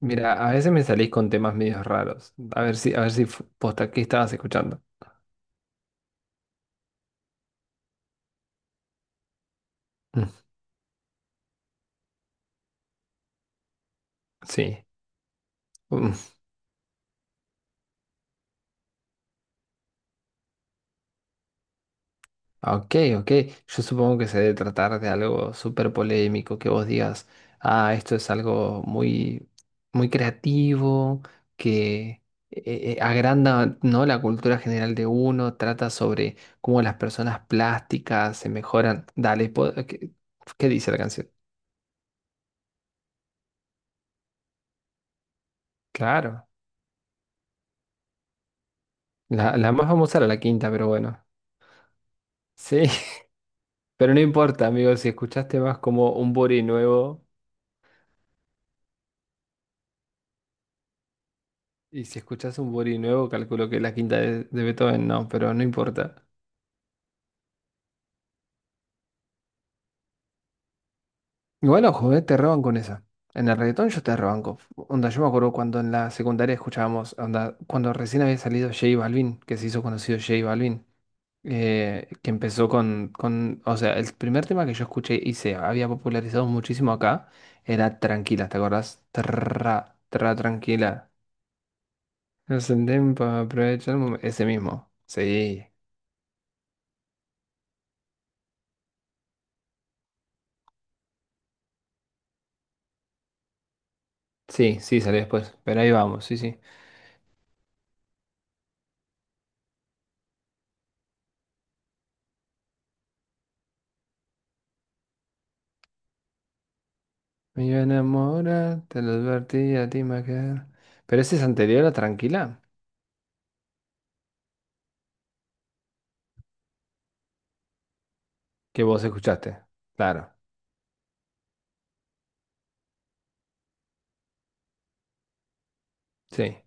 Mira, a veces me salís con temas medios raros. A ver si posta, ¿qué estabas escuchando? Mm. Sí. Mm. Ah, ok, ok. Yo supongo que se debe tratar de algo súper polémico, que vos digas, ah, esto es algo muy, muy creativo, que agranda, ¿no?, la cultura general de uno, trata sobre cómo las personas plásticas se mejoran. Dale, ¿qué, qué dice la canción? Claro. La más famosa era la quinta, pero bueno. Sí. Pero no importa, amigo, si escuchaste más como un Bori nuevo, y si escuchas un Bori nuevo, calculo que la quinta de Beethoven no, pero no importa. Igual, ojo, te roban con esa. En el reggaetón yo te rebanco. Onda, yo me acuerdo cuando en la secundaria escuchábamos, onda, cuando recién había salido J Balvin, que se hizo conocido J Balvin, que empezó con, o sea, el primer tema que yo escuché y se había popularizado muchísimo acá era Tranquila, ¿te acordás? Tra, tra, tranquila. Ascendemos para aprovechar el momento. Ese mismo. Sí. Sí, sí, salió después. Pero ahí vamos, sí, sí. Me iba a enamorar, te lo advertí, a ti me va a quedar. Pero ese es anterior a Tranquila, que vos escuchaste. Claro. Sí.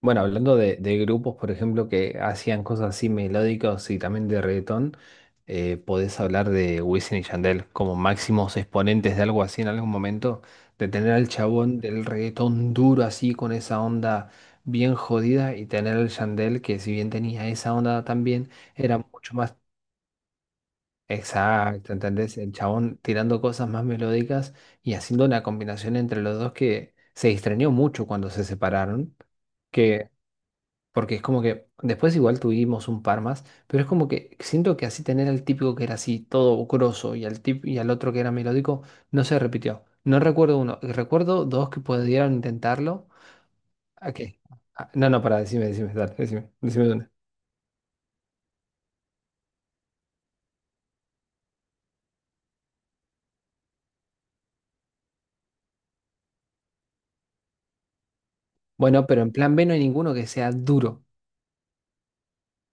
Bueno, hablando de grupos, por ejemplo, que hacían cosas así melódicas y también de reggaetón, podés hablar de Wisin y Yandel como máximos exponentes de algo así en algún momento, de tener al chabón del reggaetón duro así con esa onda bien jodida y tener al Yandel que si bien tenía esa onda también, era mucho más exacto, ¿entendés? El chabón tirando cosas más melódicas y haciendo una combinación entre los dos que se extrañó mucho cuando se separaron. Que porque es como que después igual tuvimos un par más, pero es como que siento que así tener al típico que era así todo grosso y al otro que era melódico no se repitió. No recuerdo uno, recuerdo dos que pudieron intentarlo. ¿A qué? Ah, no, no, para, decime, decime, dale, decime, decime dónde. Bueno, pero en plan B no hay ninguno que sea duro.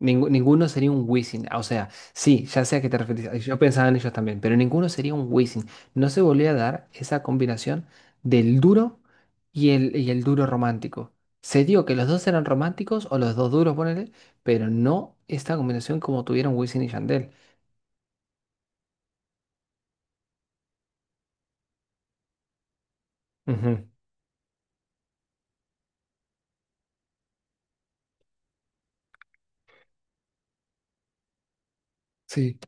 Ninguno sería un Wisin. Ah, o sea, sí, ya sea que te referís. Yo pensaba en ellos también, pero ninguno sería un Wisin. No se volvía a dar esa combinación del duro y el duro romántico. Se dio que los dos eran románticos o los dos duros, ponele, pero no esta combinación como tuvieron Wisin y Yandel. Ujú. Sí.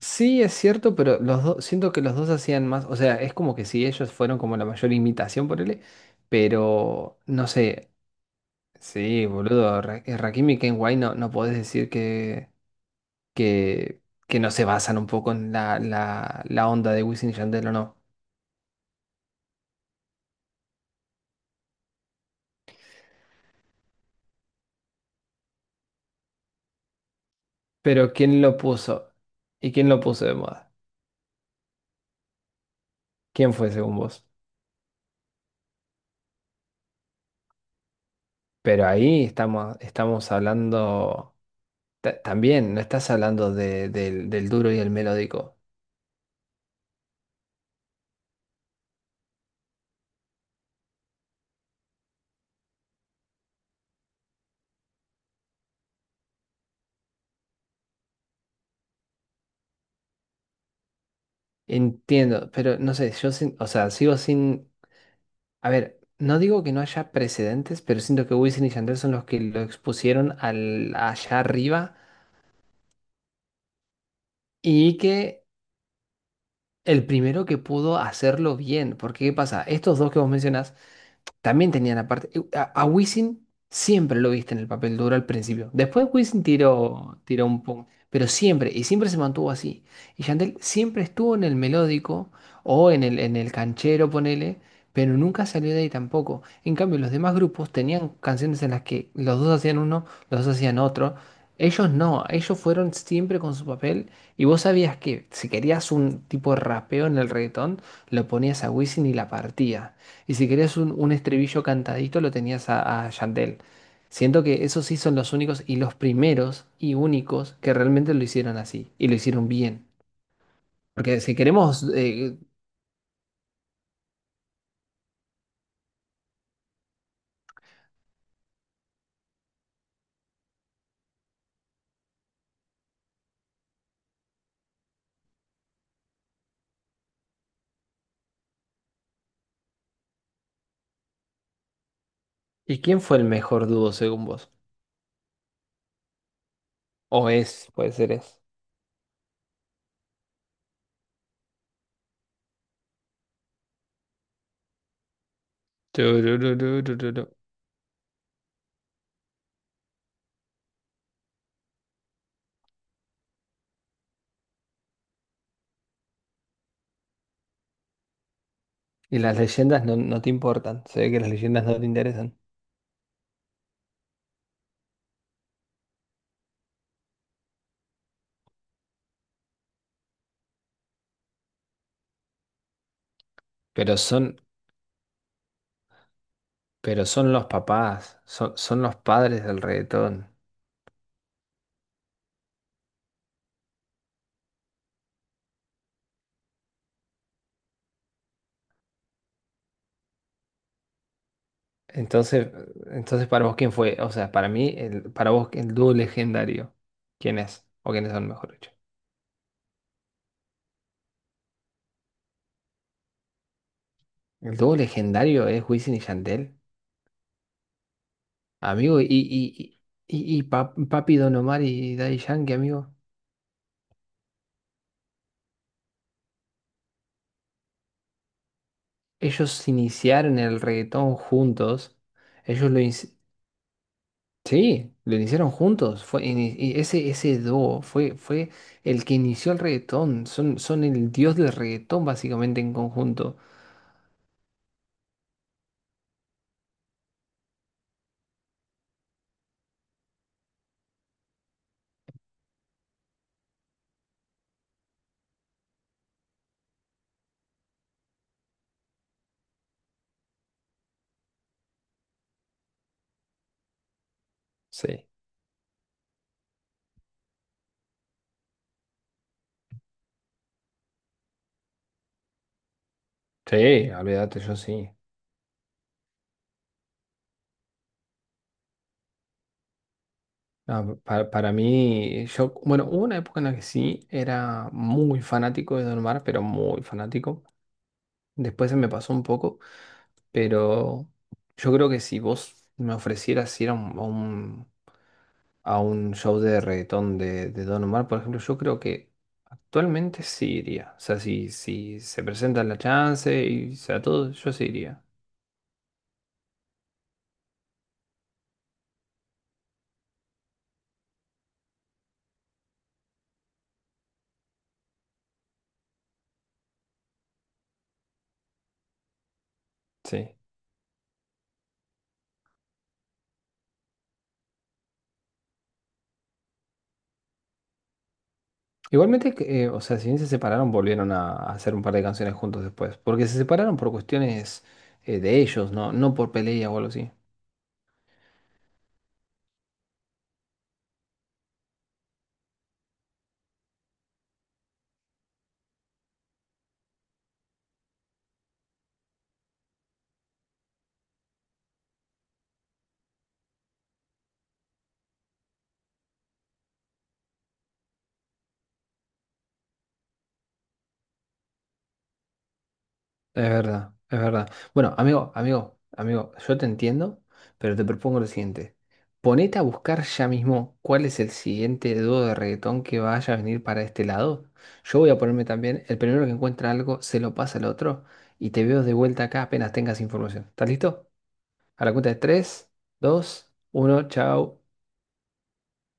Sí, es cierto, pero los dos, siento que los dos hacían más. O sea, es como que si ellos fueron como la mayor imitación, ponele, pero no sé. Sí, boludo, Rakim y Ken White no, no podés decir que, que no se basan un poco en la, la, la onda de Wisin y Yandel o no. Pero ¿quién lo puso? ¿Y quién lo puso de moda? ¿Quién fue según vos? Pero ahí estamos, estamos hablando también, no estás hablando del, del duro y el melódico. Entiendo, pero no sé, yo o sea, sigo sin... A ver, no digo que no haya precedentes, pero siento que Wisin y Yandel son los que lo expusieron al, allá arriba y que el primero que pudo hacerlo bien, porque ¿qué pasa? Estos dos que vos mencionás también tenían aparte. A Wisin siempre lo viste en el papel duro al principio. Después Wisin tiró, tiró un pum. Pero siempre, y siempre se mantuvo así. Y Yandel siempre estuvo en el melódico o en el canchero, ponele, pero nunca salió de ahí tampoco. En cambio, los demás grupos tenían canciones en las que los dos hacían uno, los dos hacían otro. Ellos no, ellos fueron siempre con su papel. Y vos sabías que si querías un tipo de rapeo en el reggaetón, lo ponías a Wisin y la partía. Y si querías un estribillo cantadito, lo tenías a Yandel. Siento que esos sí son los únicos y los primeros y únicos que realmente lo hicieron así y lo hicieron bien. Porque si queremos, ¿y quién fue el mejor dúo según vos? O es, puede ser es. Turururururu. Y las leyendas no, no te importan, se ve que las leyendas no te interesan. Pero son, pero son los papás, son, son los padres del reggaetón. Entonces, entonces para vos, ¿quién fue? O sea, para mí, el, para vos, el dúo legendario, ¿quién es? ¿O quiénes son, mejor dicho? El dúo legendario es Wisin y Yandel, amigo, y Papi Don Omar y Daddy Yankee, amigo. Ellos iniciaron el reggaetón juntos. Ellos lo inci- Sí, lo iniciaron juntos. Fue, y ese dúo fue, fue el que inició el reggaetón. Son, son el dios del reggaetón, básicamente, en conjunto. Sí. Sí, olvídate, yo sí. No, para mí, yo, bueno, hubo una época en la que sí era muy fanático de Don Omar, pero muy fanático. Después se me pasó un poco, pero yo creo que si vos me ofrecieras ir a un, a un, a un show de reggaetón de Don Omar, por ejemplo, yo creo que actualmente sí iría. O sea, si, si se presenta la chance y o sea todo, yo sí iría. Sí. Igualmente, que, o sea, si bien se separaron, volvieron a hacer un par de canciones juntos después. Porque se separaron por cuestiones de ellos, ¿no?, no por pelea o algo así. Es verdad, es verdad. Bueno, amigo, amigo, amigo, yo te entiendo, pero te propongo lo siguiente. Ponete a buscar ya mismo cuál es el siguiente dúo de reggaetón que vaya a venir para este lado. Yo voy a ponerme también, el primero que encuentra algo, se lo pasa al otro y te veo de vuelta acá apenas tengas información. ¿Estás listo? A la cuenta de tres, dos, uno. Chao.